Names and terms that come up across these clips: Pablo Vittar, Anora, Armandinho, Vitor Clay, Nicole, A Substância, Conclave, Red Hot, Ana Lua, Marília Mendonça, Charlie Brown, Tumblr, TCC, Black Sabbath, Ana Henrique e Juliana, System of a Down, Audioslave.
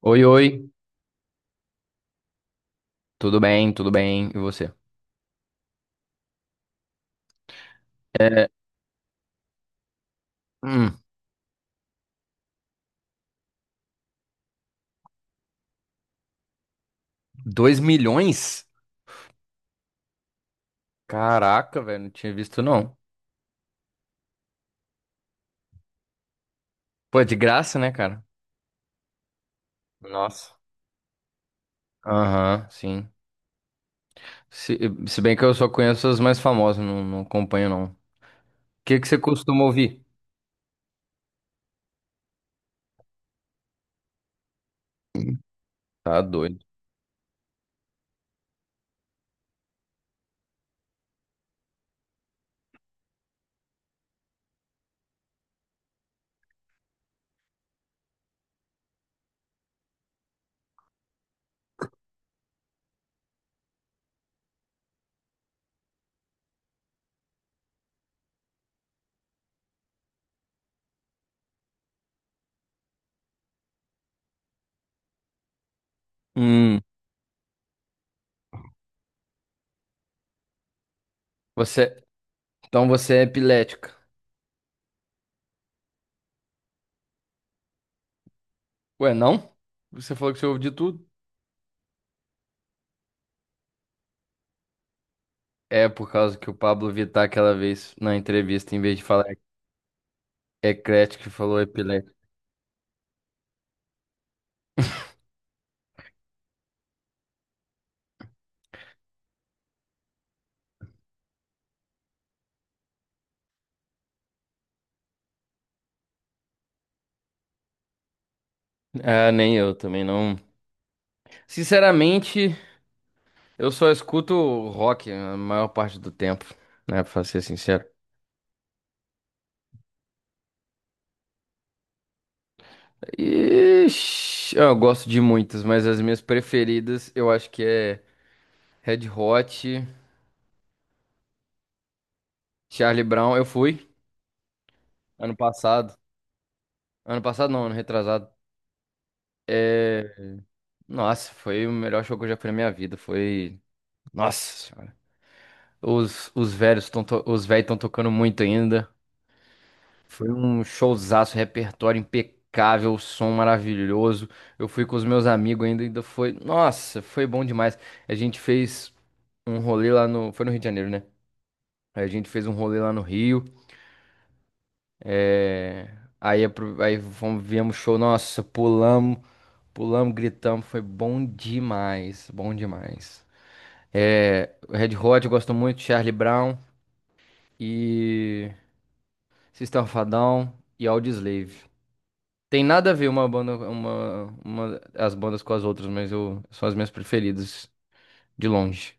Oi, oi, tudo bem, e você? É, hum, 2 milhões? Caraca, velho, não tinha visto não. Pô, é de graça, né, cara? Nossa. Aham, sim. Se, se bem que eu só conheço as mais famosas, não acompanho não. O que que você costuma ouvir? Tá doido. Hum, você, então você é epilética. Ué, não? Você falou que você ouve de tudo. É por causa que o Pablo Vittar aquela vez na entrevista, em vez de falar eclético, falou epilético. Ah, nem eu também não. Sinceramente, eu só escuto rock a maior parte do tempo, né? Pra ser sincero. Ixi, eu gosto de muitas, mas as minhas preferidas eu acho que é Red Hot, Charlie Brown. Eu fui ano passado. Ano passado não, ano retrasado. É... Nossa, foi o melhor show que eu já fui na minha vida. Foi. Nossa senhora. Os velhos estão tocando muito ainda. Foi um showzaço, repertório impecável, som maravilhoso. Eu fui com os meus amigos ainda, ainda foi. Nossa, foi bom demais. A gente fez um rolê lá no. Foi no Rio de Janeiro, né? Aí a gente fez um rolê lá no Rio. é, aí fomos, viemos show, nossa, pulamos, pulamos, gritamos. Foi bom demais, bom demais. Red Hot, eu gosto muito, Charlie Brown e System of a Down e Audioslave. Tem nada a ver uma banda, as bandas com as outras, mas eu, são as minhas preferidas, de longe.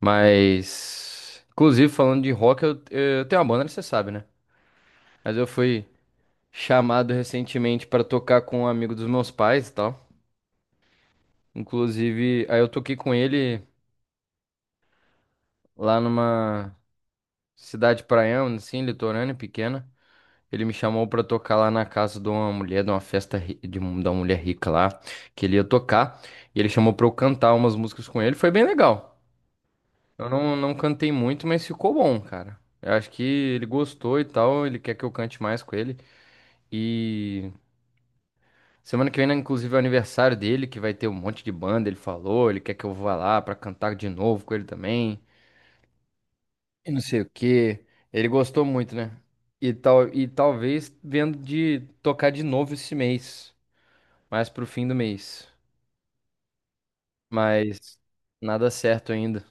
Mas, inclusive, falando de rock, eu tenho uma banda, você sabe, né? Mas eu fui chamado recentemente pra tocar com um amigo dos meus pais e tal. Inclusive, aí eu toquei com ele lá numa cidade praiana, assim, litorânea, pequena. Ele me chamou pra tocar lá na casa de uma mulher, de uma festa ri- de um- da mulher rica lá, que ele ia tocar. E ele chamou pra eu cantar umas músicas com ele. Foi bem legal. Eu não cantei muito, mas ficou bom, cara. Eu acho que ele gostou e tal. Ele quer que eu cante mais com ele. E semana que vem, né, inclusive, é o aniversário dele, que vai ter um monte de banda. Ele falou, ele quer que eu vá lá pra cantar de novo com ele também. E não sei o quê. Ele gostou muito, né? E, tal, e talvez vendo de tocar de novo esse mês, mais pro fim do mês. Mas nada certo ainda.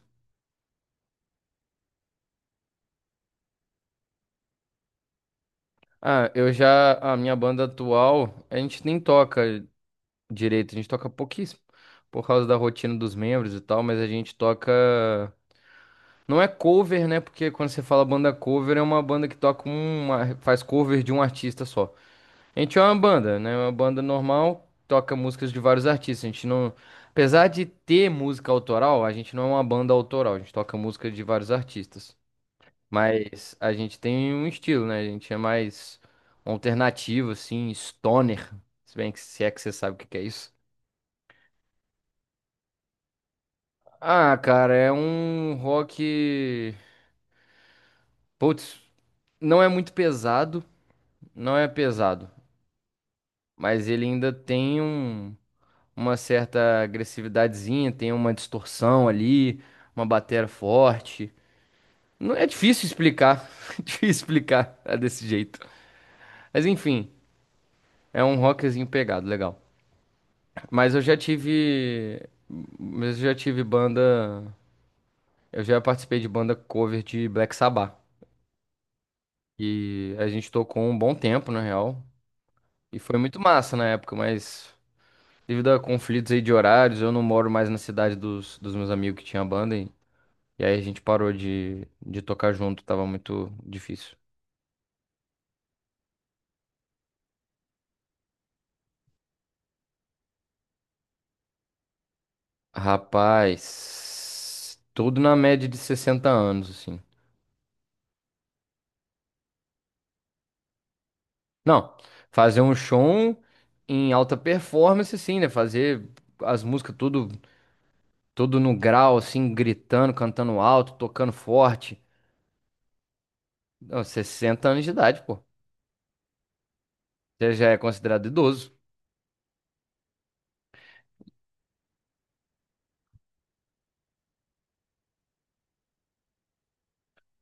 Ah, eu já. A minha banda atual, a gente nem toca direito, a gente toca pouquíssimo. Por causa da rotina dos membros e tal, mas a gente toca. Não é cover, né? Porque quando você fala banda cover, é uma banda que toca um, uma. Faz cover de um artista só. A gente é uma banda, né? É uma banda normal, toca músicas de vários artistas. A gente não. Apesar de ter música autoral, a gente não é uma banda autoral, a gente toca música de vários artistas. Mas a gente tem um estilo, né? A gente é mais alternativo, assim, stoner. Se é que você sabe o que que é isso. Ah, cara, é um rock. Putz, não é muito pesado, não é pesado, mas ele ainda tem um- uma certa agressividadezinha, tem uma distorção ali, uma bateria forte. Não é difícil explicar, difícil explicar é desse jeito. Mas enfim, é um rockzinho pegado, legal. Mas eu já tive. Mas eu já tive banda. Eu já participei de banda cover de Black Sabbath. E a gente tocou um bom tempo, na real. E foi muito massa na época, mas devido a conflitos aí de horários, eu não moro mais na cidade dos meus amigos que tinha banda. E aí a gente parou de tocar junto, tava muito difícil. Rapaz, tudo na média de 60 anos, assim. Não, fazer um show em alta performance, sim, né? Fazer as músicas tudo, tudo no grau, assim, gritando, cantando alto, tocando forte. Não, 60 anos de idade, pô. Você já é considerado idoso.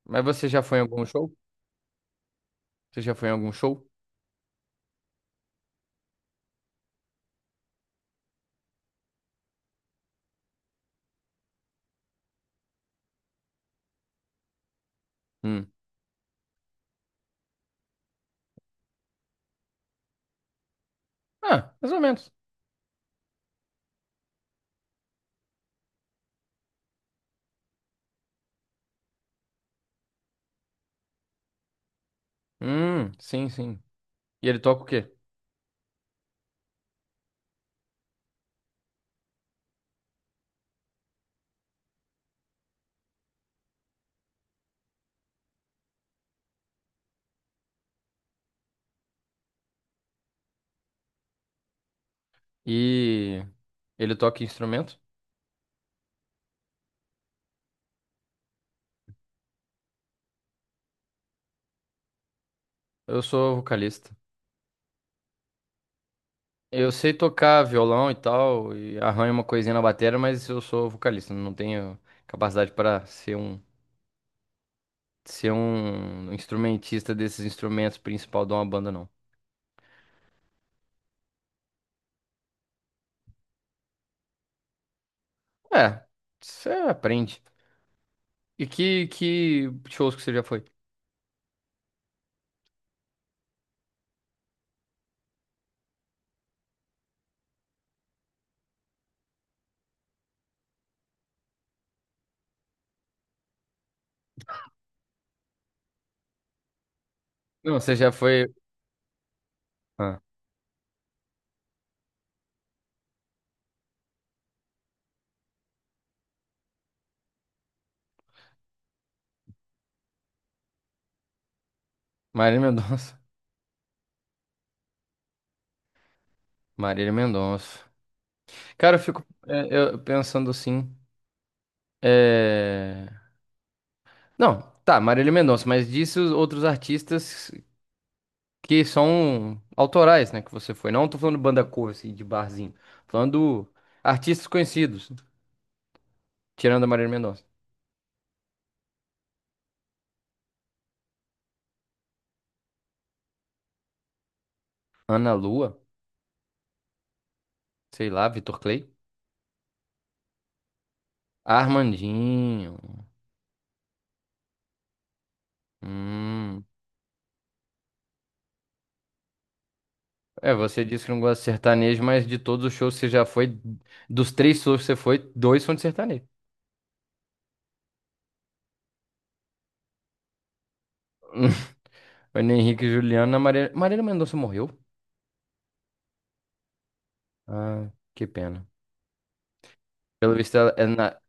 Mas você já foi em algum show? Você já foi em algum show? Hum. Ah, mais ou menos. Sim, sim. E ele toca o quê? E ele toca que instrumento? Eu sou vocalista. Eu sei tocar violão e tal, e arranho uma coisinha na bateria, mas eu sou vocalista, não tenho capacidade para ser um instrumentista desses instrumentos principal de uma banda, não. É, você aprende. E que shows que você já foi? Não, você já foi. Ah, Marília Mendonça. Marília Mendonça. Cara, eu pensando assim. É... Não, tá, Marília Mendonça, mas disse os outros artistas que são autorais, né? Que você foi. Não tô falando banda cover, assim, de barzinho. Falando artistas conhecidos, tirando a Marília Mendonça. Ana Lua, sei lá, Vitor Clay. Armandinho. Hum. É, você disse que não gosta de sertanejo, mas de todos os shows que você já foi, dos três shows que você foi, dois são de sertanejo. Ana Henrique e Juliana, Marília... Marília Mendonça morreu? Ah, que pena. Pelo visto, ela,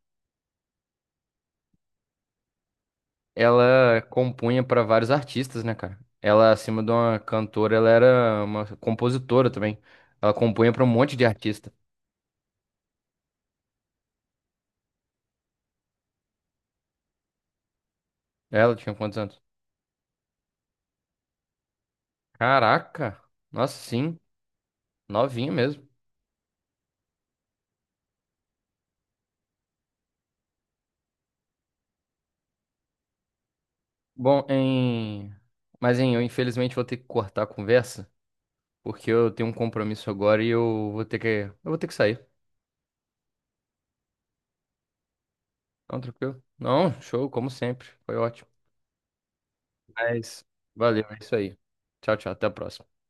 ela compunha pra vários artistas, né, cara? Ela, acima de uma cantora, ela era uma compositora também. Ela compunha pra um monte de artista. Ela tinha quantos anos? Caraca! Nossa, sim, novinha mesmo. Bom, em... Mas, hein, eu infelizmente vou ter que cortar a conversa, porque eu tenho um compromisso agora e eu vou ter que... Eu vou ter que sair. Não, tranquilo? Não, show, como sempre. Foi ótimo. Mas, valeu, é isso aí. Tchau, tchau, até a próxima.